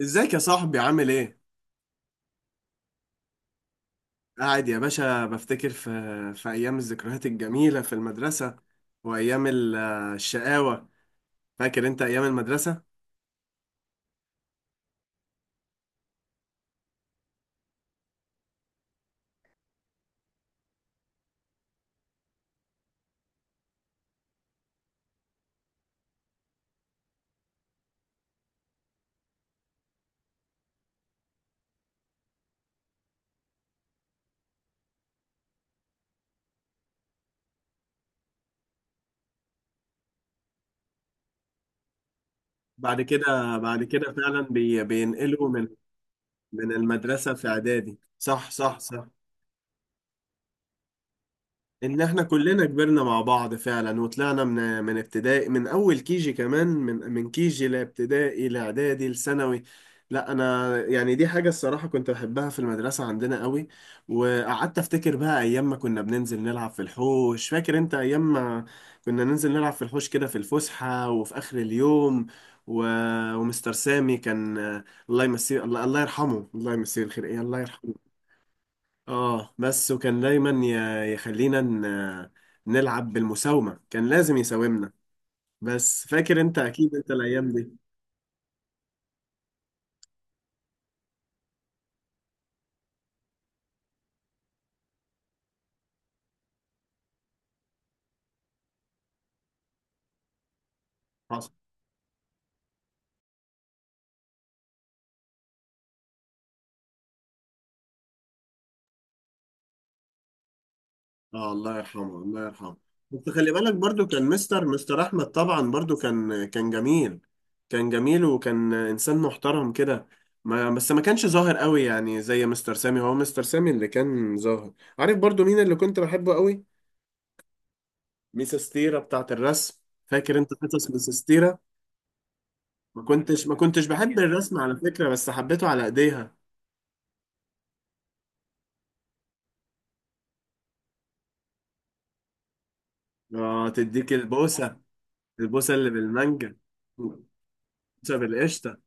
ازيك يا صاحبي عامل ايه؟ قاعد يا باشا بفتكر في ايام الذكريات الجميلة في المدرسة، وايام الشقاوة. فاكر انت ايام المدرسة؟ بعد كده بعد كده فعلا بينقلوا من المدرسة في اعدادي. صح، صح، صح. ان احنا كلنا كبرنا مع بعض فعلا، وطلعنا من ابتدائي، من اول كيجي كمان، من كيجي لابتدائي لاعدادي لثانوي. لا، انا يعني دي حاجه الصراحه كنت بحبها في المدرسه عندنا قوي. وقعدت افتكر بقى ايام ما كنا بننزل نلعب في الحوش. فاكر انت ايام ما كنا ننزل نلعب في الحوش كده في الفسحه وفي اخر اليوم؟ و... ومستر سامي كان، الله يمسيه، الله يرحمه، الله يمسيه الخير. ايه، الله يرحمه. اه، بس وكان دايما يخلينا نلعب بالمساومة. كان لازم يساومنا، بس فاكر انت اكيد انت الايام دي. حصل. اه، الله يرحمه، الله يرحمه. بس خلي بالك برضو كان مستر احمد طبعا، برضو كان جميل. كان جميل، وكان انسان محترم كده. ما بس ما كانش ظاهر قوي، يعني زي مستر سامي. هو مستر سامي اللي كان ظاهر. عارف برضو مين اللي كنت بحبه قوي؟ ميس ستيرة بتاعت الرسم. فاكر انت حصص ميس ستيرة؟ ما كنتش بحب الرسم على فكرة، بس حبيته على ايديها. اه، تديك البوسة. البوسة اللي بالمانجا. البوسة بالقشطة.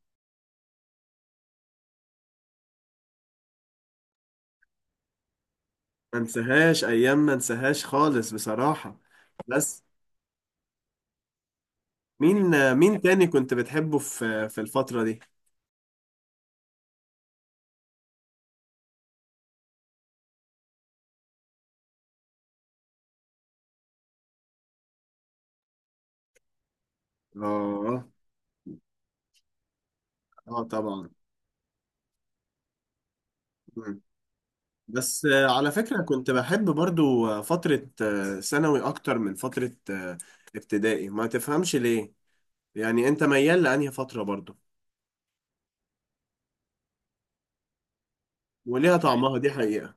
ما انساهاش ايام، ما انساهاش خالص بصراحة. بس مين تاني كنت بتحبه في الفترة دي؟ اه، اه، طبعا. مم. بس على فكرة كنت بحب برضو فترة ثانوي اكتر من فترة ابتدائي، ما تفهمش ليه. يعني انت ميال لانهي فترة برضو؟ وليها طعمها، دي حقيقة.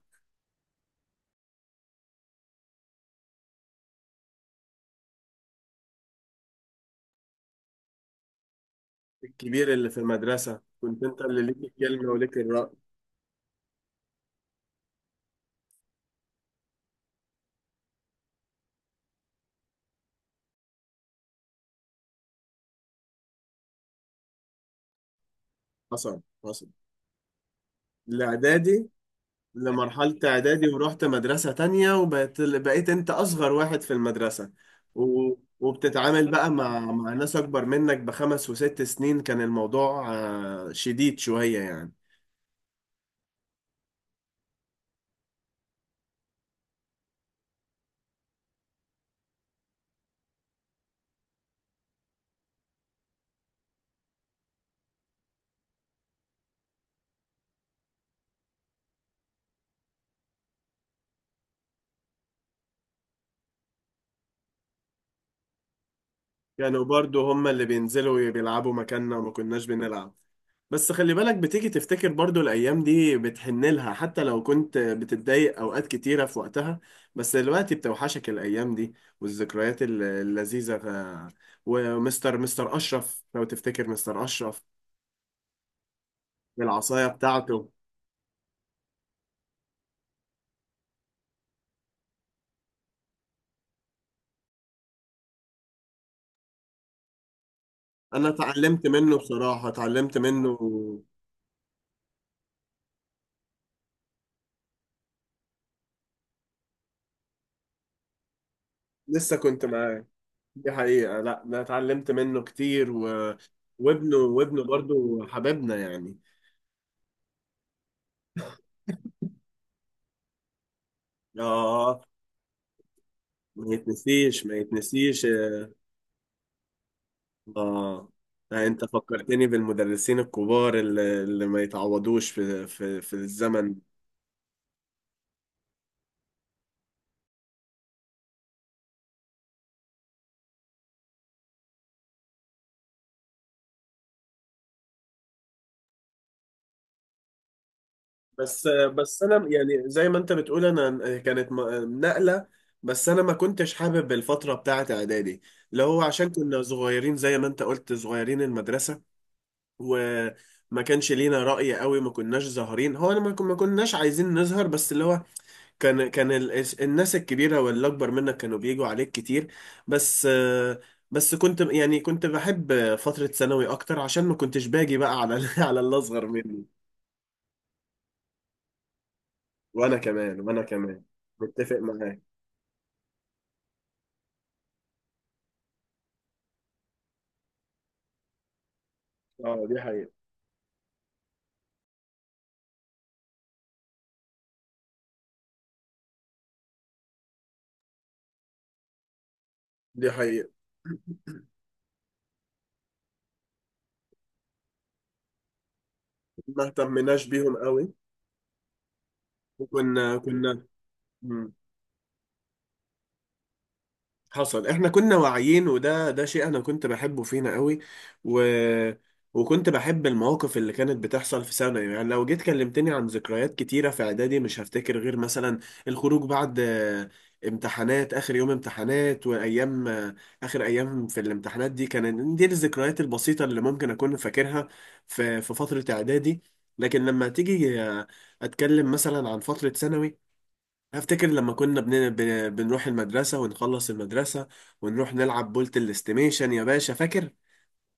الكبير اللي في المدرسة كنت انت اللي ليك الكلمة وليك الرأي. حصل، حصل. الإعدادي. لمرحلة إعدادي ورحت مدرسة تانية، وبقيت انت أصغر واحد في المدرسة. و... وبتتعامل بقى مع ناس أكبر منك ب5 و6 سنين. كان الموضوع شديد شوية يعني. كانوا برضو هم اللي بينزلوا بيلعبوا مكاننا، وما كناش بنلعب. بس خلي بالك بتيجي تفتكر برضو الأيام دي، بتحن لها حتى لو كنت بتتضايق أوقات كتيرة في وقتها. بس دلوقتي بتوحشك الأيام دي، والذكريات اللذيذة. ومستر مستر أشرف، لو تفتكر مستر أشرف. العصاية بتاعته. أنا اتعلمت منه بصراحة، اتعلمت منه. لسه كنت معاه. دي حقيقة. لا، أنا اتعلمت منه كتير. وابنه برضو حبيبنا يعني. آه. ما يتنسيش، ما يتنسيش. اه، انت فكرتني بالمدرسين الكبار اللي ما يتعوضوش في الزمن. بس انا يعني زي ما انت بتقول، انا كانت نقلة. بس انا ما كنتش حابب الفترة بتاعت اعدادي، اللي هو عشان كنا صغيرين، زي ما انت قلت صغيرين المدرسة، وما كانش لينا رأي قوي. ما كناش ظاهرين، هو انا ما كناش عايزين نظهر. بس اللي هو كان الناس الكبيرة واللي أكبر منك كانوا بيجوا عليك كتير. بس بس كنت يعني كنت بحب فترة ثانوي أكتر، عشان ما كنتش باجي بقى على على اللي أصغر مني. وأنا كمان، وأنا كمان. متفق معاك. اه، دي حقيقة. دي حقيقة. ما اهتمناش بيهم قوي. وكنا كنا حصل. احنا كنا واعيين، وده شيء انا كنت بحبه فينا قوي. و... وكنت بحب المواقف اللي كانت بتحصل في ثانوي. يعني لو جيت كلمتني عن ذكريات كتيرة في اعدادي، مش هفتكر غير مثلا الخروج بعد امتحانات، اخر يوم امتحانات، وايام اخر ايام في الامتحانات دي. كانت دي الذكريات البسيطة اللي ممكن اكون فاكرها في فترة اعدادي. لكن لما تيجي اتكلم مثلا عن فترة ثانوي، افتكر لما كنا بنروح المدرسة ونخلص المدرسة، ونروح نلعب بولت الاستيميشن. يا باشا فاكر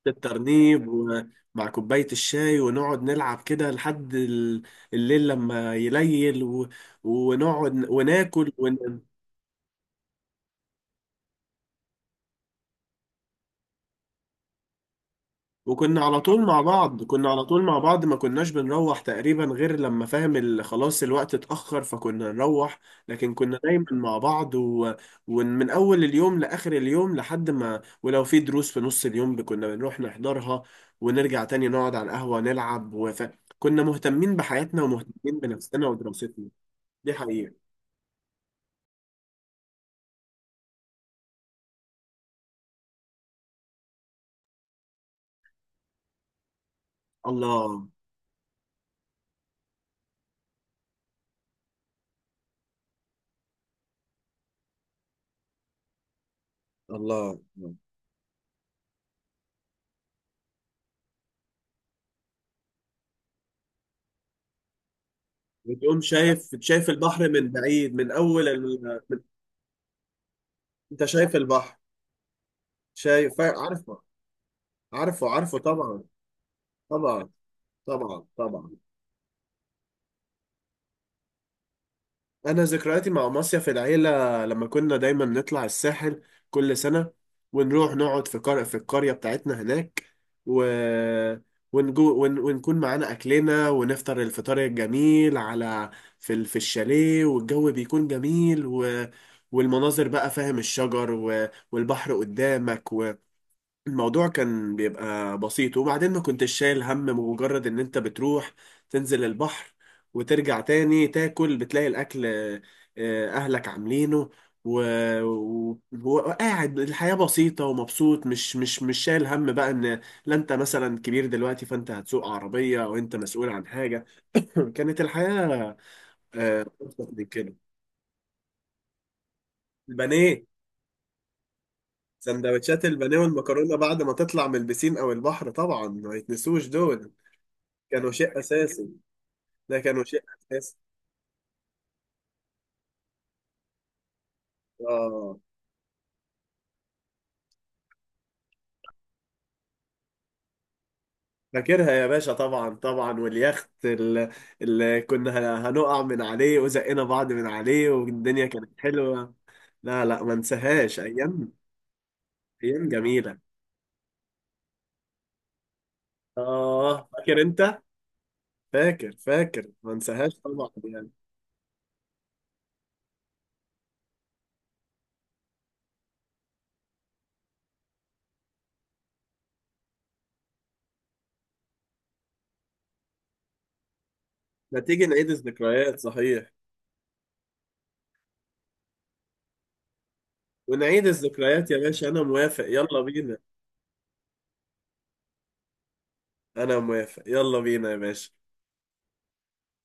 الترنيب ومع كوباية الشاي؟ ونقعد نلعب كده لحد الليل لما يليل، ونقعد وناكل. وكنا على طول مع بعض، كنا على طول مع بعض. ما كناش بنروح تقريبا غير لما فاهم خلاص الوقت اتأخر، فكنا نروح. لكن كنا دايما مع بعض، ومن أول اليوم لآخر اليوم، لحد ما، ولو في دروس في نص اليوم كنا بنروح نحضرها، ونرجع تاني نقعد على القهوة نلعب. كنا مهتمين بحياتنا ومهتمين بنفسنا ودراستنا. دي حقيقة. الله، الله. وتقوم شايف، البحر من بعيد، من أول أنت شايف البحر. شايف، عارف. عارفه، عارفه طبعا. طبعا. طبعا، طبعا. انا ذكرياتي مع مصيف العيله، لما كنا دايما نطلع الساحل كل سنه، ونروح نقعد في القريه بتاعتنا هناك. و ونجو ونكون معانا اكلنا، ونفطر الفطار الجميل على، في الشاليه، والجو بيكون جميل، والمناظر بقى فاهم، الشجر، والبحر قدامك، الموضوع كان بيبقى بسيط. وبعدين ما كنتش شايل هم، مجرد ان انت بتروح تنزل البحر وترجع تاني تاكل، بتلاقي الاكل اهلك عاملينه، و... وقاعد. الحياة بسيطة ومبسوط، مش شايل هم بقى ان لا، انت مثلا كبير دلوقتي، فانت هتسوق عربية، او انت مسؤول عن حاجة. كانت الحياة أبسط من كده. البانيه. سندوتشات البانيه والمكرونة بعد ما تطلع من البسين او البحر، طبعا ما يتنسوش دول. كانوا شيء اساسي. ده كانوا شيء اساسي. اه، فاكرها يا باشا، طبعا، طبعا. واليخت اللي كنا هنقع من عليه، وزقنا بعض من عليه، والدنيا كانت حلوه. لا، لا، ما انساهاش ايام، ايام جميله. اه، فاكر انت، فاكر، ما انساهاش طبعا يعني. ما تيجي نعيد الذكريات، صحيح. ونعيد الذكريات يا باشا، انا موافق، يلا بينا. انا موافق، يلا بينا يا باشا.